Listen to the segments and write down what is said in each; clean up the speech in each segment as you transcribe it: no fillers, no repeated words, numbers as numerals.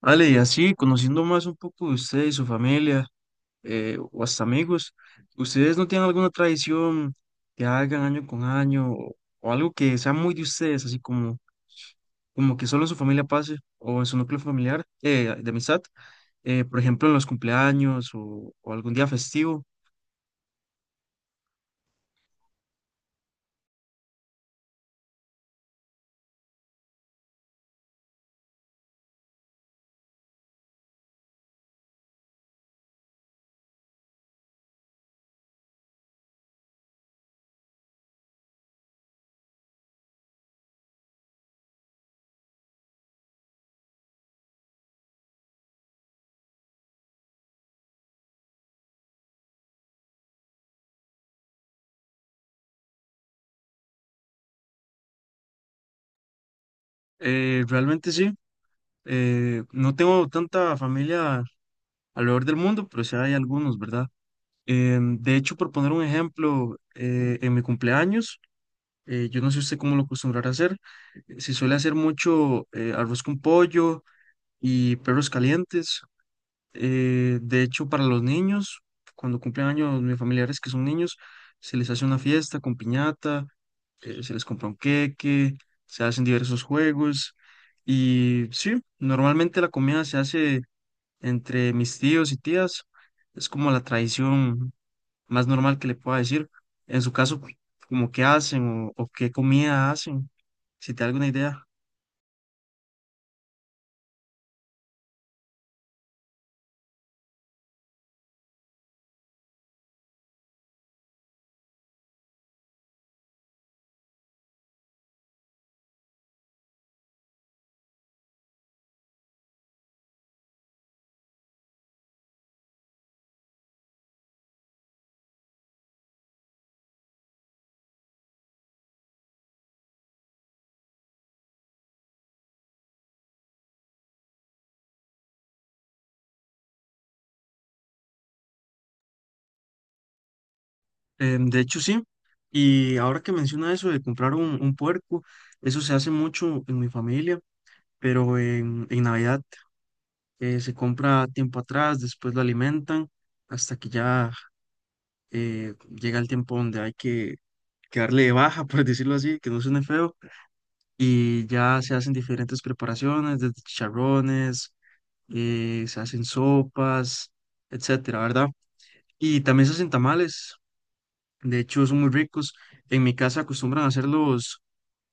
Ale, y así, conociendo más un poco de usted y su familia, o hasta amigos, ¿ustedes no tienen alguna tradición que hagan año con año o algo que sea muy de ustedes, así como, como que solo en su familia pase o en su núcleo familiar de amistad? Por ejemplo, en los cumpleaños o algún día festivo. Realmente sí, no tengo tanta familia alrededor del mundo, pero sí hay algunos, ¿verdad? De hecho, por poner un ejemplo, en mi cumpleaños, yo no sé usted cómo lo acostumbrará a hacer. Si suele hacer mucho arroz con pollo y perros calientes. De hecho, para los niños, cuando cumplen años mis familiares que son niños, se les hace una fiesta con piñata, se les compra un queque, se hacen diversos juegos. Y sí, normalmente la comida se hace entre mis tíos y tías. Es como la tradición más normal que le pueda decir. En su caso, como qué hacen o qué comida hacen, si te da alguna idea. De hecho, sí. Y ahora que menciona eso de comprar un puerco, eso se hace mucho en mi familia, pero en Navidad se compra tiempo atrás, después lo alimentan hasta que ya llega el tiempo donde hay que darle de baja, por decirlo así, que no suene feo, y ya se hacen diferentes preparaciones, desde chicharrones. Se hacen sopas, etcétera, ¿verdad? Y también se hacen tamales, de hecho son muy ricos. En mi casa acostumbran a hacerlos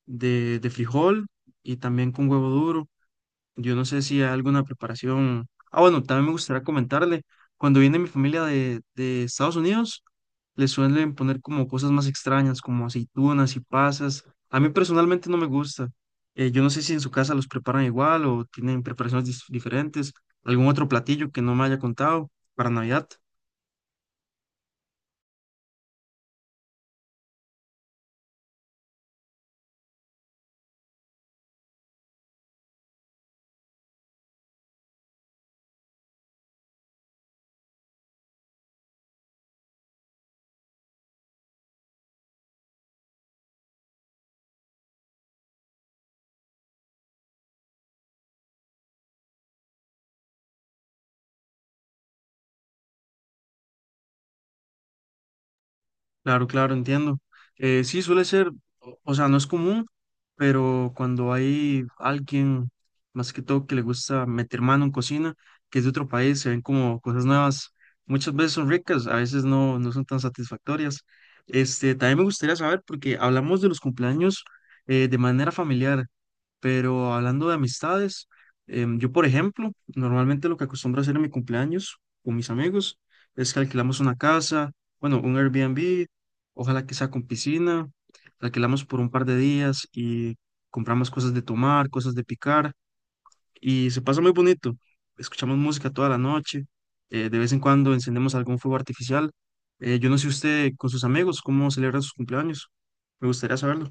de frijol y también con huevo duro. Yo no sé si hay alguna preparación. Ah, bueno, también me gustaría comentarle, cuando viene mi familia de Estados Unidos, le suelen poner como cosas más extrañas, como aceitunas y pasas. A mí personalmente no me gusta. Yo no sé si en su casa los preparan igual o tienen preparaciones diferentes, algún otro platillo que no me haya contado para Navidad. Claro, claro, entiendo. Sí, suele ser, o sea, no es común, pero cuando hay alguien, más que todo, que le gusta meter mano en cocina, que es de otro país, se ven como cosas nuevas. Muchas veces son ricas, a veces no, no son tan satisfactorias. Este, también me gustaría saber, porque hablamos de los cumpleaños de manera familiar. Pero hablando de amistades, yo por ejemplo, normalmente lo que acostumbro a hacer en mi cumpleaños con mis amigos es que alquilamos una casa, bueno, un Airbnb, ojalá que sea con piscina, la alquilamos por un par de días y compramos cosas de tomar, cosas de picar y se pasa muy bonito. Escuchamos música toda la noche, de vez en cuando encendemos algún fuego artificial. Yo no sé usted con sus amigos cómo celebra sus cumpleaños, me gustaría saberlo.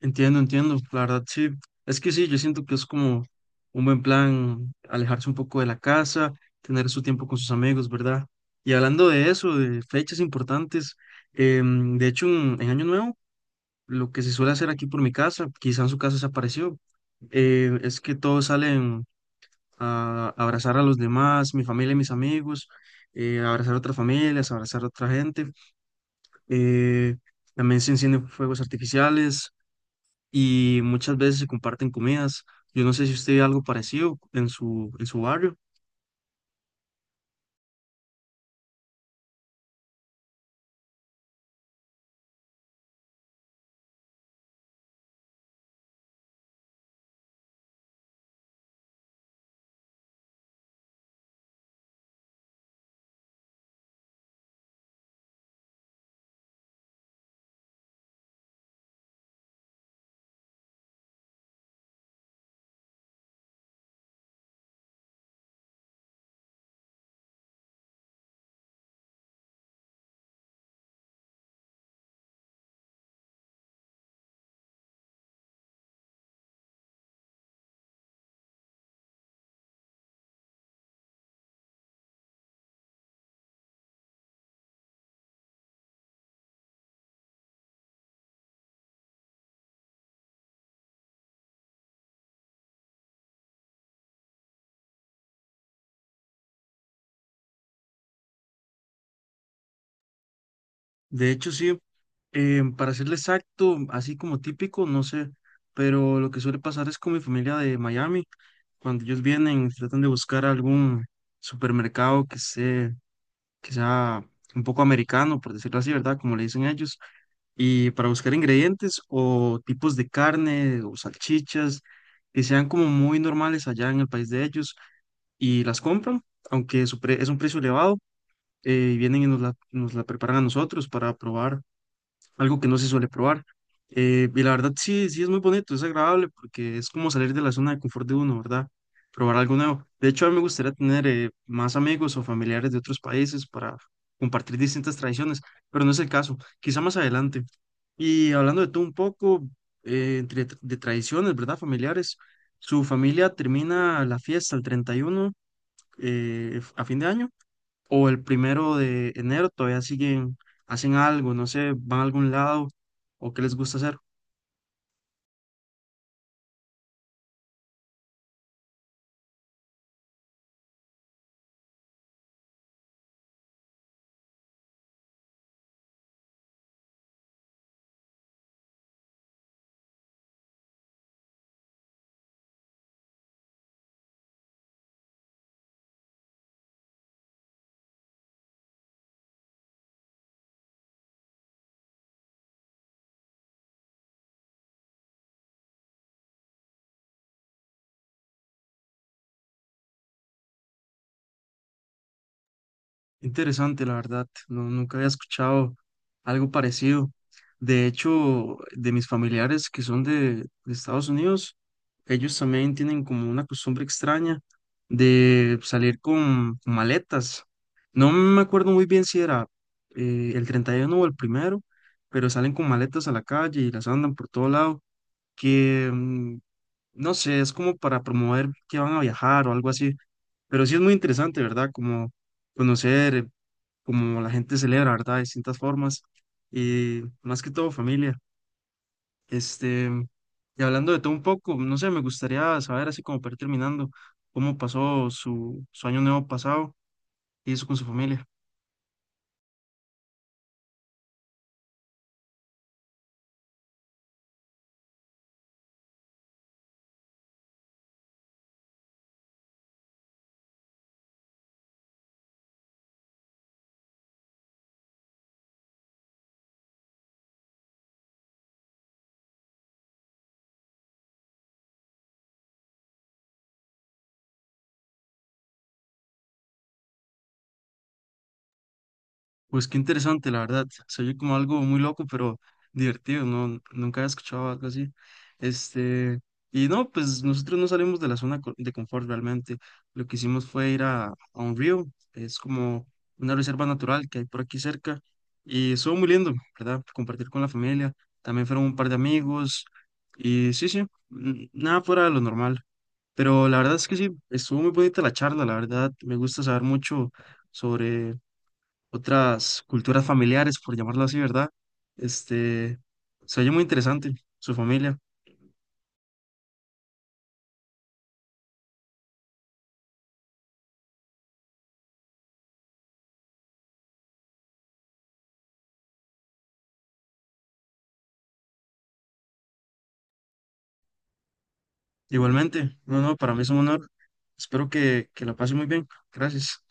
Entiendo, entiendo, la verdad sí. Es que sí, yo siento que es como un buen plan alejarse un poco de la casa, tener su tiempo con sus amigos, ¿verdad? Y hablando de eso, de fechas importantes, de hecho en Año Nuevo, lo que se suele hacer aquí por mi casa, quizá en su casa se apareció, es que todos salen a abrazar a los demás, mi familia y mis amigos, abrazar a otras familias, abrazar a otra gente. eh, También se encienden fuegos artificiales y muchas veces se comparten comidas. Yo no sé si usted ve algo parecido en su barrio. De hecho, sí, para serle exacto, así como típico, no sé, pero lo que suele pasar es con mi familia de Miami, cuando ellos vienen, tratan de buscar algún supermercado que sea un poco americano, por decirlo así, ¿verdad? Como le dicen ellos, y para buscar ingredientes o tipos de carne o salchichas que sean como muy normales allá en el país de ellos y las compran, aunque su es un precio elevado, y vienen y nos la preparan a nosotros para probar algo que no se suele probar. Y la verdad sí, sí es muy bonito, es agradable porque es como salir de la zona de confort de uno, ¿verdad? Probar algo nuevo. De hecho, a mí me gustaría tener más amigos o familiares de otros países para compartir distintas tradiciones, pero no es el caso, quizá más adelante. Y hablando de tú un poco, entre de tradiciones, ¿verdad? Familiares, su familia termina la fiesta el 31 a fin de año, o el primero de enero todavía siguen, hacen algo, no sé, van a algún lado o qué les gusta hacer. Interesante, la verdad, no, nunca había escuchado algo parecido. De hecho, de mis familiares que son de Estados Unidos, ellos también tienen como una costumbre extraña de salir con maletas. No me acuerdo muy bien si era el 31 o el primero, pero salen con maletas a la calle y las andan por todo lado. Que, mm, no sé, es como para promover que van a viajar o algo así, pero sí es muy interesante, ¿verdad? Como conocer cómo la gente celebra, ¿verdad? De distintas formas y más que todo familia. Este, y hablando de todo un poco, no sé, me gustaría saber, así como para ir terminando, cómo pasó su año nuevo pasado y eso con su familia. Pues qué interesante, la verdad. Se oye como algo muy loco, pero divertido, no, nunca había escuchado algo así. Este, y no, pues nosotros no salimos de la zona de confort realmente. Lo que hicimos fue ir a un río, es como una reserva natural que hay por aquí cerca, y estuvo muy lindo, ¿verdad? Compartir con la familia. También fueron un par de amigos, y sí, sí, nada fuera de lo normal. Pero la verdad es que sí, estuvo muy bonita la charla, la verdad. Me gusta saber mucho sobre otras culturas familiares, por llamarlo así, ¿verdad? Este, se oye muy interesante su familia. Igualmente, no, no, para mí es un honor. Espero que la pase muy bien. Gracias.